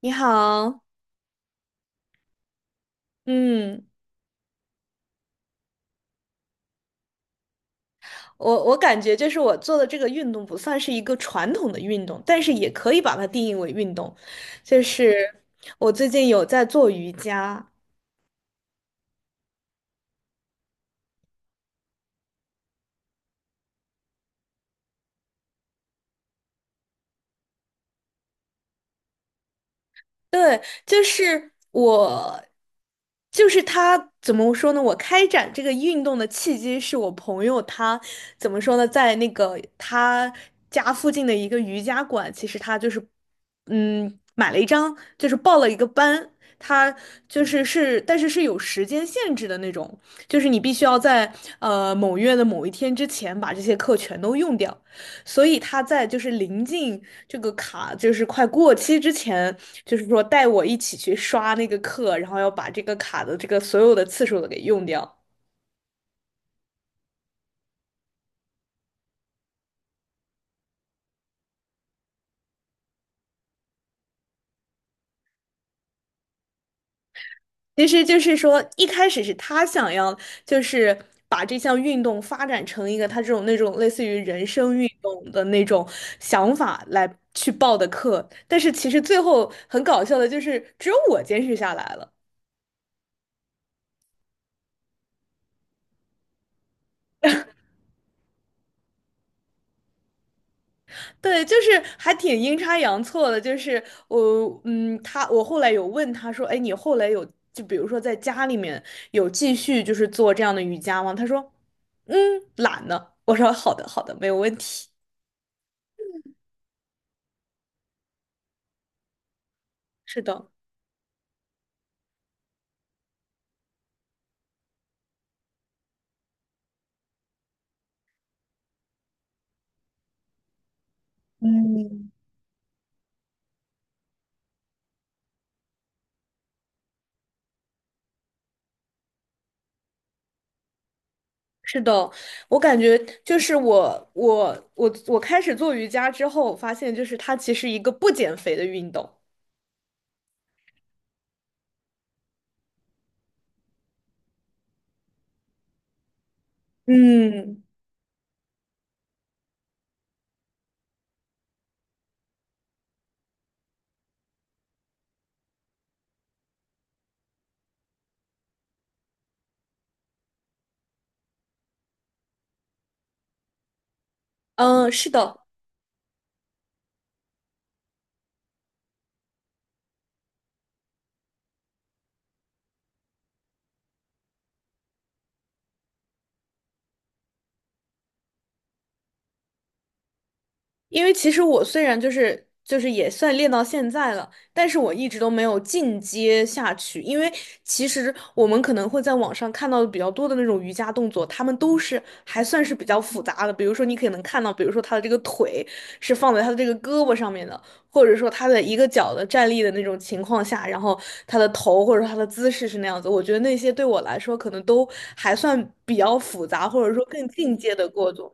你好，嗯，我感觉就是我做的这个运动不算是一个传统的运动，但是也可以把它定义为运动。就是我最近有在做瑜伽，对，就是我，就是他怎么说呢？我开展这个运动的契机是我朋友他怎么说呢，在那个他家附近的一个瑜伽馆，其实他就是买了一张，就是报了一个班，他就是，但是是有时间限制的那种，就是你必须要在某月的某一天之前把这些课全都用掉。所以他在就是临近这个卡就是快过期之前，就是说带我一起去刷那个课，然后要把这个卡的这个所有的次数都给用掉。其实就是说，一开始是他想要就是把这项运动发展成一个他这种那种类似于人生运动的那种想法来去报的课，但是其实最后很搞笑的就是只有我坚持下来了。对，就是还挺阴差阳错的，就是我，他，我后来有问他说，哎，你后来有，就比如说在家里面有继续就是做这样的瑜伽吗？他说，嗯，懒呢。我说好的，好的，没有问题。是的。嗯，是的，我感觉就是我开始做瑜伽之后，我发现就是它其实一个不减肥的运动。嗯，嗯，是的，因为其实我虽然就是也算练到现在了，但是我一直都没有进阶下去。因为其实我们可能会在网上看到的比较多的那种瑜伽动作，他们都是还算是比较复杂的。比如说你可能看到，比如说他的这个腿是放在他的这个胳膊上面的，或者说他的一个脚的站立的那种情况下，然后他的头或者说他的姿势是那样子。我觉得那些对我来说可能都还算比较复杂，或者说更进阶的过程。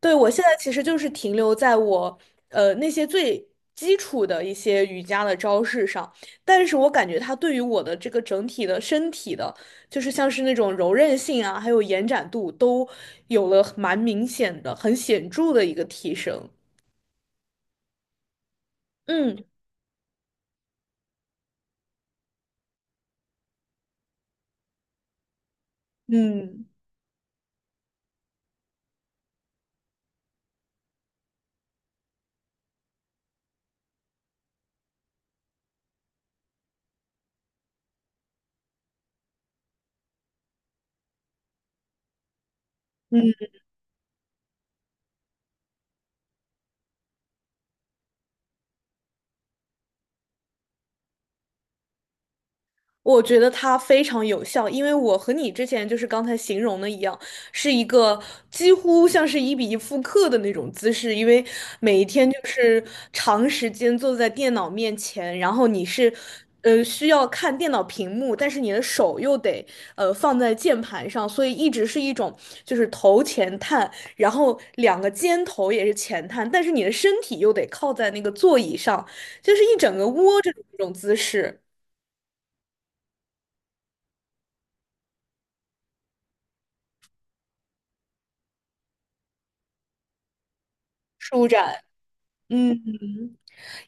对，我现在其实就是停留在我那些最基础的一些瑜伽的招式上，但是我感觉它对于我的这个整体的身体的，就是像是那种柔韧性啊，还有延展度都有了蛮明显的、很显著的一个提升。嗯嗯。嗯。我觉得它非常有效，因为我和你之前就是刚才形容的一样，是一个几乎像是一比一复刻的那种姿势，因为每一天就是长时间坐在电脑面前，然后你是，需要看电脑屏幕，但是你的手又得放在键盘上，所以一直是一种就是头前探，然后两个肩头也是前探，但是你的身体又得靠在那个座椅上，就是一整个窝着的那种姿势舒展。嗯，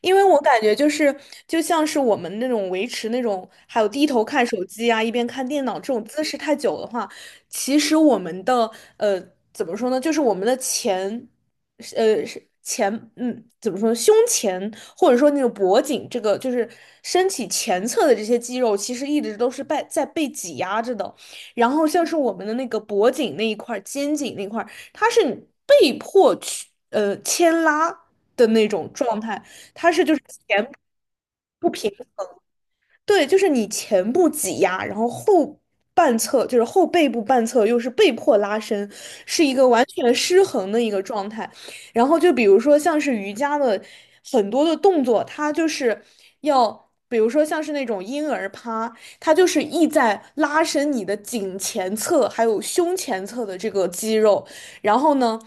因为我感觉就是，就像是我们那种维持那种，还有低头看手机啊，一边看电脑这种姿势太久的话，其实我们的呃，怎么说呢，就是我们的前，是前，怎么说呢，胸前或者说那种脖颈这个，就是身体前侧的这些肌肉，其实一直都是被在被挤压着的。然后像是我们的那个脖颈那一块儿、肩颈那块儿，它是被迫去牵拉的那种状态。它是就是前不平衡，对，就是你前部挤压，然后后半侧就是后背部半侧又是被迫拉伸，是一个完全失衡的一个状态。然后就比如说像是瑜伽的很多的动作，它就是要。比如说，像是那种婴儿趴，它就是意在拉伸你的颈前侧还有胸前侧的这个肌肉，然后呢，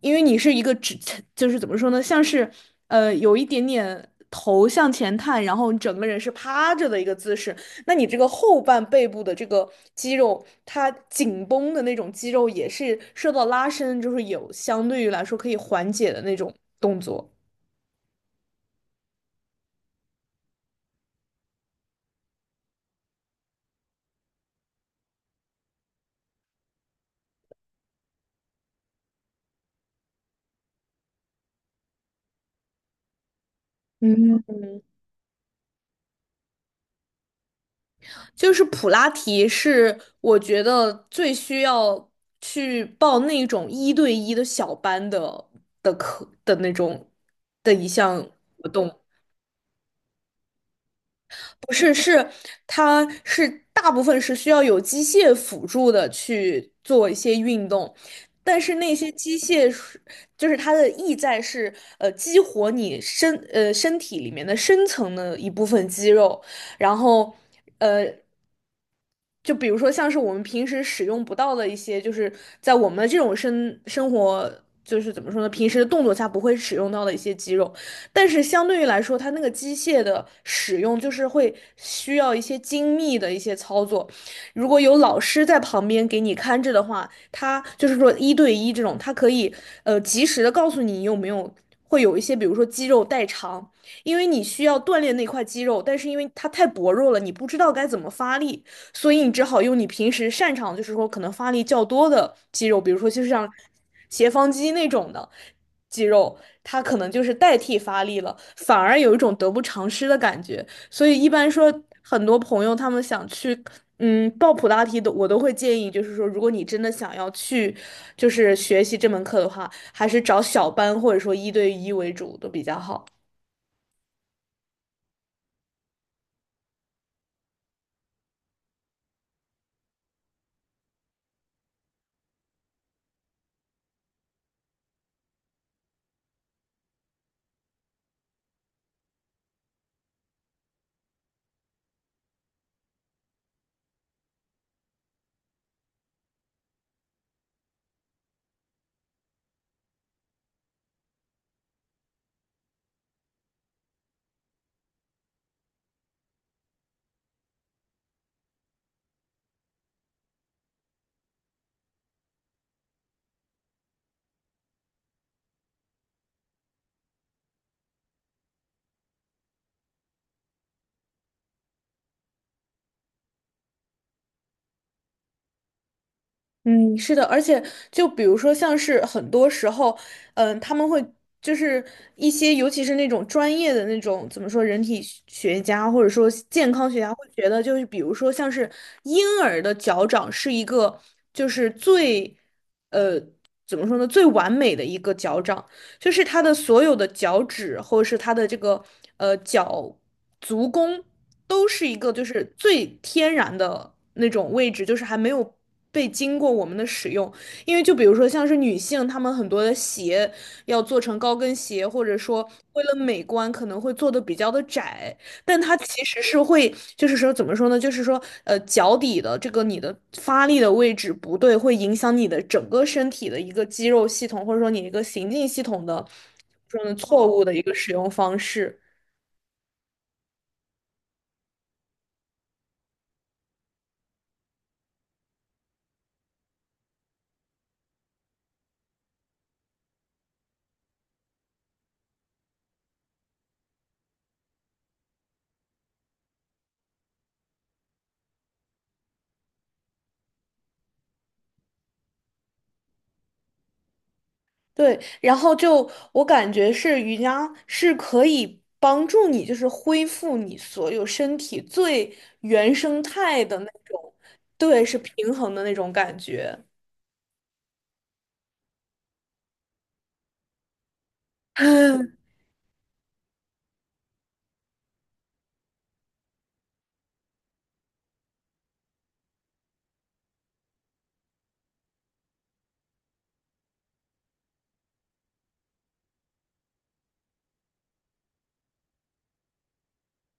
因为你是一个直，就是怎么说呢，像是有一点点头向前探，然后你整个人是趴着的一个姿势，那你这个后半背部的这个肌肉，它紧绷的那种肌肉也是受到拉伸，就是有相对于来说可以缓解的那种动作。嗯，就是普拉提是我觉得最需要去报那种一对一的小班的的课的那种的一项活动，不是，是它是大部分是需要有机械辅助的去做一些运动，但是那些机械是就是它的意在是激活你身体里面的深层的一部分肌肉，然后。呃。就比如说像是我们平时使用不到的一些，就是在我们这种生活，就是怎么说呢，平时的动作下不会使用到的一些肌肉，但是相对于来说，它那个机械的使用就是会需要一些精密的一些操作。如果有老师在旁边给你看着的话，他就是说一对一这种，他可以及时的告诉你有没有。会有一些，比如说肌肉代偿，因为你需要锻炼那块肌肉，但是因为它太薄弱了，你不知道该怎么发力，所以你只好用你平时擅长，就是说可能发力较多的肌肉，比如说就是像斜方肌那种的肌肉，它可能就是代替发力了，反而有一种得不偿失的感觉。所以一般说，很多朋友他们想去。报普拉提的我都会建议，就是说，如果你真的想要去，就是学习这门课的话，还是找小班或者说一对一为主都比较好。嗯，是的，而且就比如说，像是很多时候，他们会就是一些，尤其是那种专业的那种怎么说，人体学学家或者说健康学家会觉得，就是比如说像是婴儿的脚掌是一个就是最呃怎么说呢，最完美的一个脚掌。就是他的所有的脚趾或者是他的这个呃脚足弓都是一个就是最天然的那种位置，就是还没有被经过我们的使用。因为就比如说像是女性，她们很多的鞋要做成高跟鞋，或者说为了美观可能会做的比较的窄，但它其实是会，就是说怎么说呢？就是说，脚底的这个你的发力的位置不对，会影响你的整个身体的一个肌肉系统，或者说你一个行进系统的这种错误的一个使用方式。对，然后就我感觉是瑜伽是可以帮助你，就是恢复你所有身体最原生态的那种，对，是平衡的那种感觉。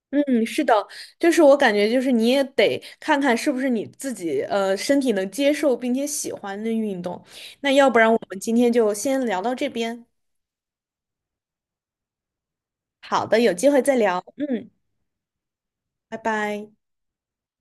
嗯，是的，就是我感觉就是你也得看看是不是你自己身体能接受并且喜欢的运动。那要不然我们今天就先聊到这边。好的，有机会再聊。嗯，拜拜。